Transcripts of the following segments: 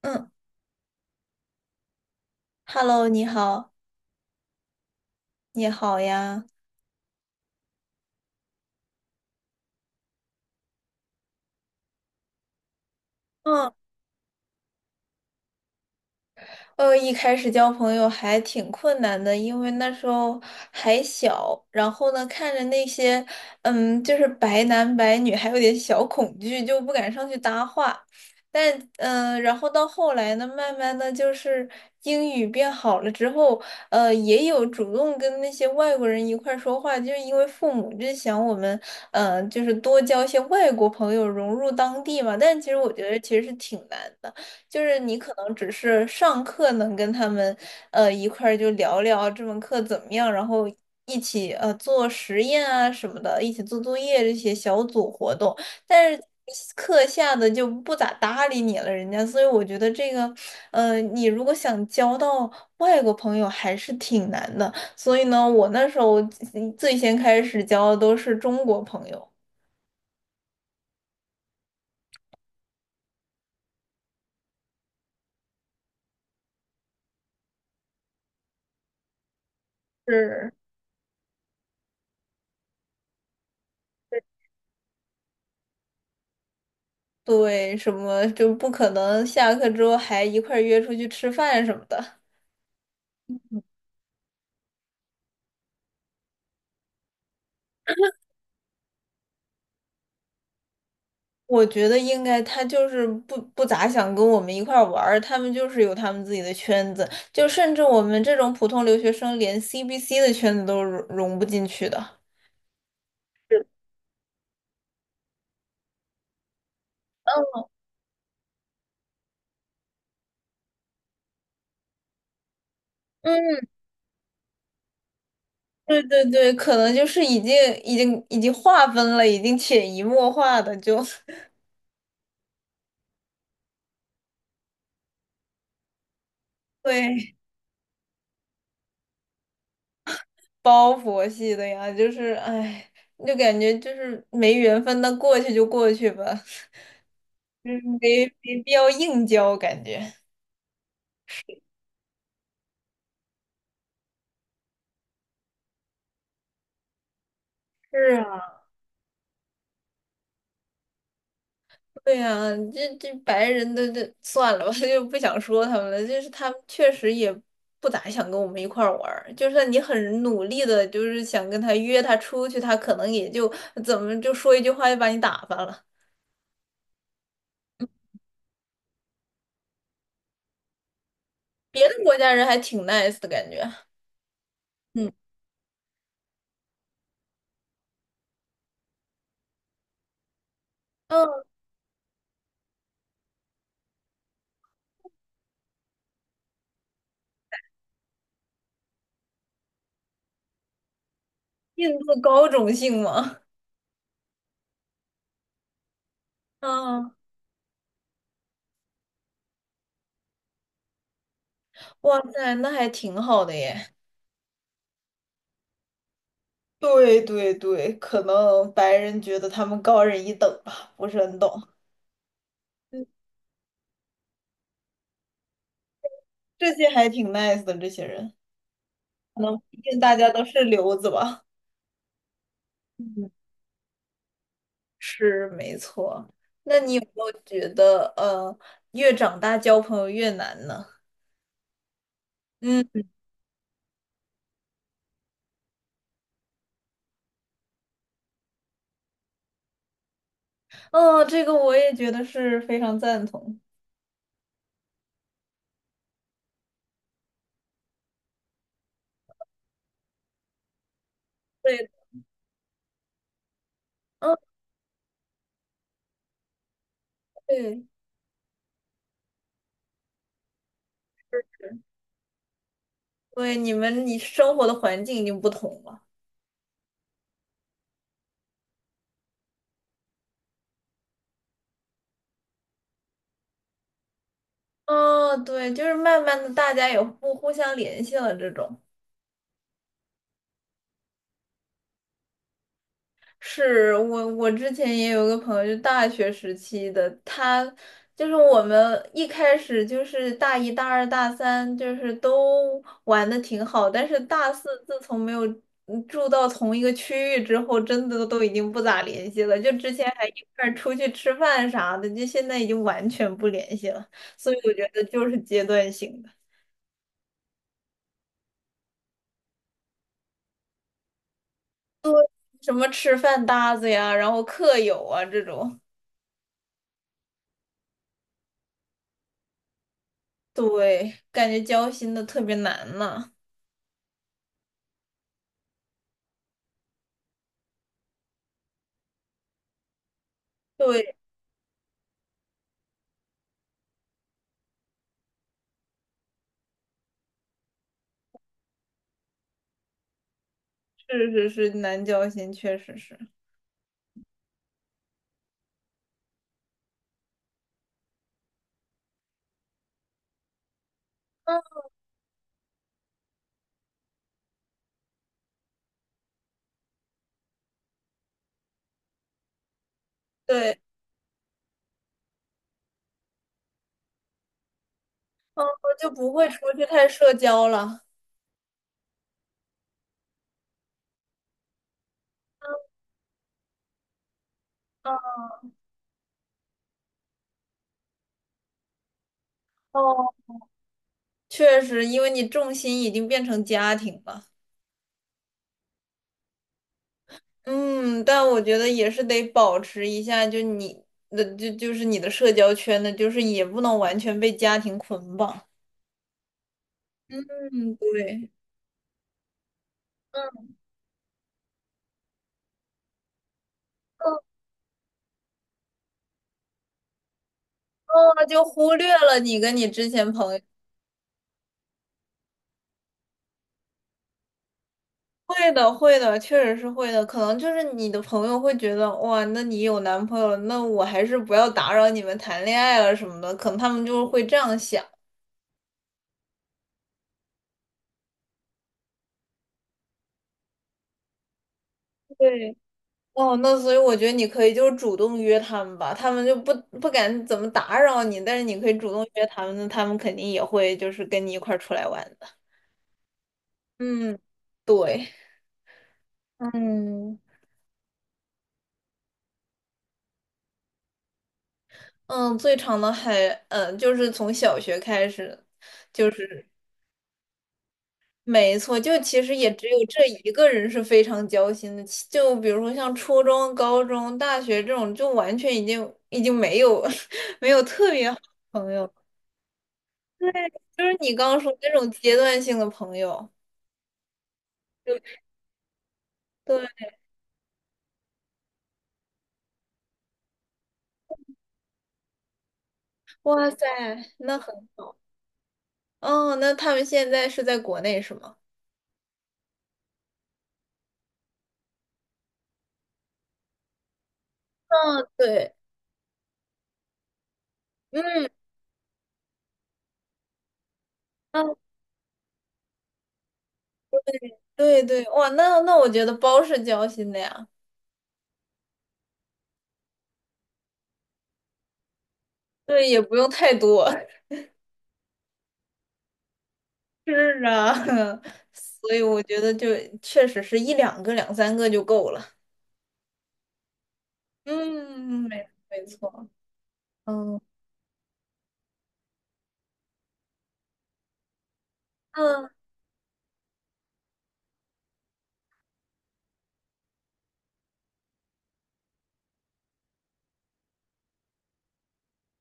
嗯，Hello，你好，你好呀。嗯，一开始交朋友还挺困难的，因为那时候还小，然后呢，看着那些，就是白男白女，还有点小恐惧，就不敢上去搭话。但，然后到后来呢，慢慢的就是英语变好了之后，也有主动跟那些外国人一块儿说话，就是因为父母就想我们，就是多交一些外国朋友，融入当地嘛。但其实我觉得其实是挺难的。就是你可能只是上课能跟他们一块儿就聊聊这门课怎么样，然后一起做实验啊什么的，一起做作业这些小组活动，但是课下的就不咋搭理你了，人家，所以我觉得这个你如果想交到外国朋友还是挺难的，所以呢，我那时候最先开始交的都是中国朋友。是。对，什么就不可能下课之后还一块儿约出去吃饭什么的。我觉得应该他就是不咋想跟我们一块儿玩儿，他们就是有他们自己的圈子，就甚至我们这种普通留学生连 CBC 的圈子都融融不进去的。是。嗯，对对对，可能就是已经已经划分了，已经潜移默化的就 会包佛系的呀，就是哎，就感觉就是没缘分，那过去就过去吧。嗯，没没必要硬交，感觉。是啊，对呀、这这白人的这算了吧，就不想说他们了。就是他们确实也不咋想跟我们一块儿玩儿，就算你很努力的，就是想跟他约他出去，他可能也就怎么就说一句话就把你打发了。嗯别的国家人还挺 nice 的感觉。嗯，嗯，印度高种姓吗？嗯，哇塞，那还挺好的耶。对对对，可能白人觉得他们高人一等吧，不是很懂。嗯，这些还挺 nice 的，这些人，可能毕竟大家都是留子吧。嗯，是没错。那你有没有觉得，越长大交朋友越难呢？嗯，哦，这个我也觉得是非常赞同。对。嗯，对，对，你们你生活的环境已经不同了。嗯，对，就是慢慢的大家也不互相联系了这种。是我，我之前也有个朋友，就大学时期的，他就是我们一开始就是大一、大二、大三，就是都玩的挺好，但是大四自从没有住到同一个区域之后，真的都已经不咋联系了。就之前还一块儿出去吃饭啥的，就现在已经完全不联系了。所以我觉得就是阶段性的，什么吃饭搭子呀，然后课友啊这种。对，感觉交心的特别难呢。是是是，南交心确实是。嗯，对，嗯，就不会出去太社交了。嗯。哦，确实，因为你重心已经变成家庭了。嗯，但我觉得也是得保持一下，就你的是你的社交圈的，就是也不能完全被家庭捆绑。嗯，对，嗯，哦，就忽略了你跟你之前朋友。会的，会的，确实是会的。可能就是你的朋友会觉得，哇，那你有男朋友了，那我还是不要打扰你们谈恋爱了什么的。可能他们就会这样想。对，哦，那所以我觉得你可以就是主动约他们吧，他们就不敢怎么打扰你，但是你可以主动约他们，那他们肯定也会就是跟你一块儿出来玩的。嗯，对。嗯嗯，最长的还，就是从小学开始，就是。没错，就其实也只有这一个人是非常交心的，其就比如说像初中、高中、大学这种，就完全已经没有 没有特别好的朋友。对，就是你刚刚说那种阶段性的朋友。对，哇塞，那很，哦，那他们现在是在国内是吗？嗯，对，嗯，嗯，对对，哇，那那我觉得包是交心的呀。对，也不用太多。是啊，所以我觉得就确实是一两个、两三个就够了。嗯，没没错。嗯嗯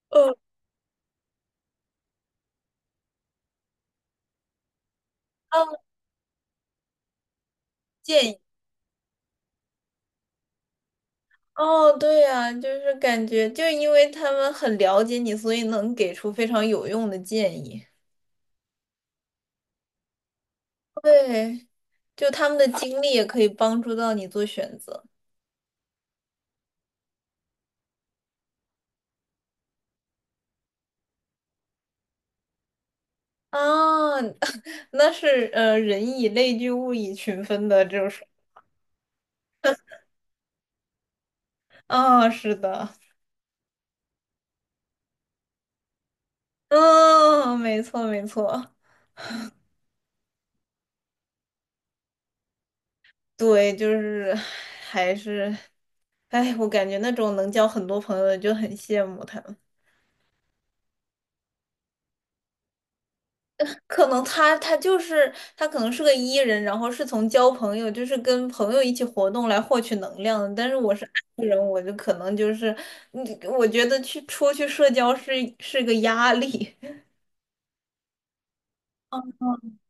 嗯嗯，建议。哦，对呀，就是感觉，就因为他们很了解你，所以能给出非常有用的建议。对，就他们的经历也可以帮助到你做选择啊。那是人以类聚，物以群分的就是啊，是的，嗯，没错，没错。对，就是还是，哎，我感觉那种能交很多朋友的就很羡慕他们。可能他可能是个 E 人，然后是从交朋友，就是跟朋友一起活动来获取能量的。但是我是 I 人，我就可能就是，嗯我觉得去出去社交是是个压力。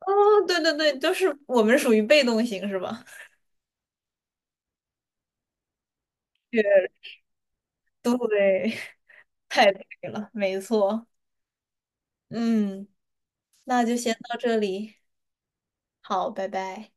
哦，对对对，就是我们属于被动型是吧？对，对，太对了，没错。嗯，那就先到这里，好，拜拜。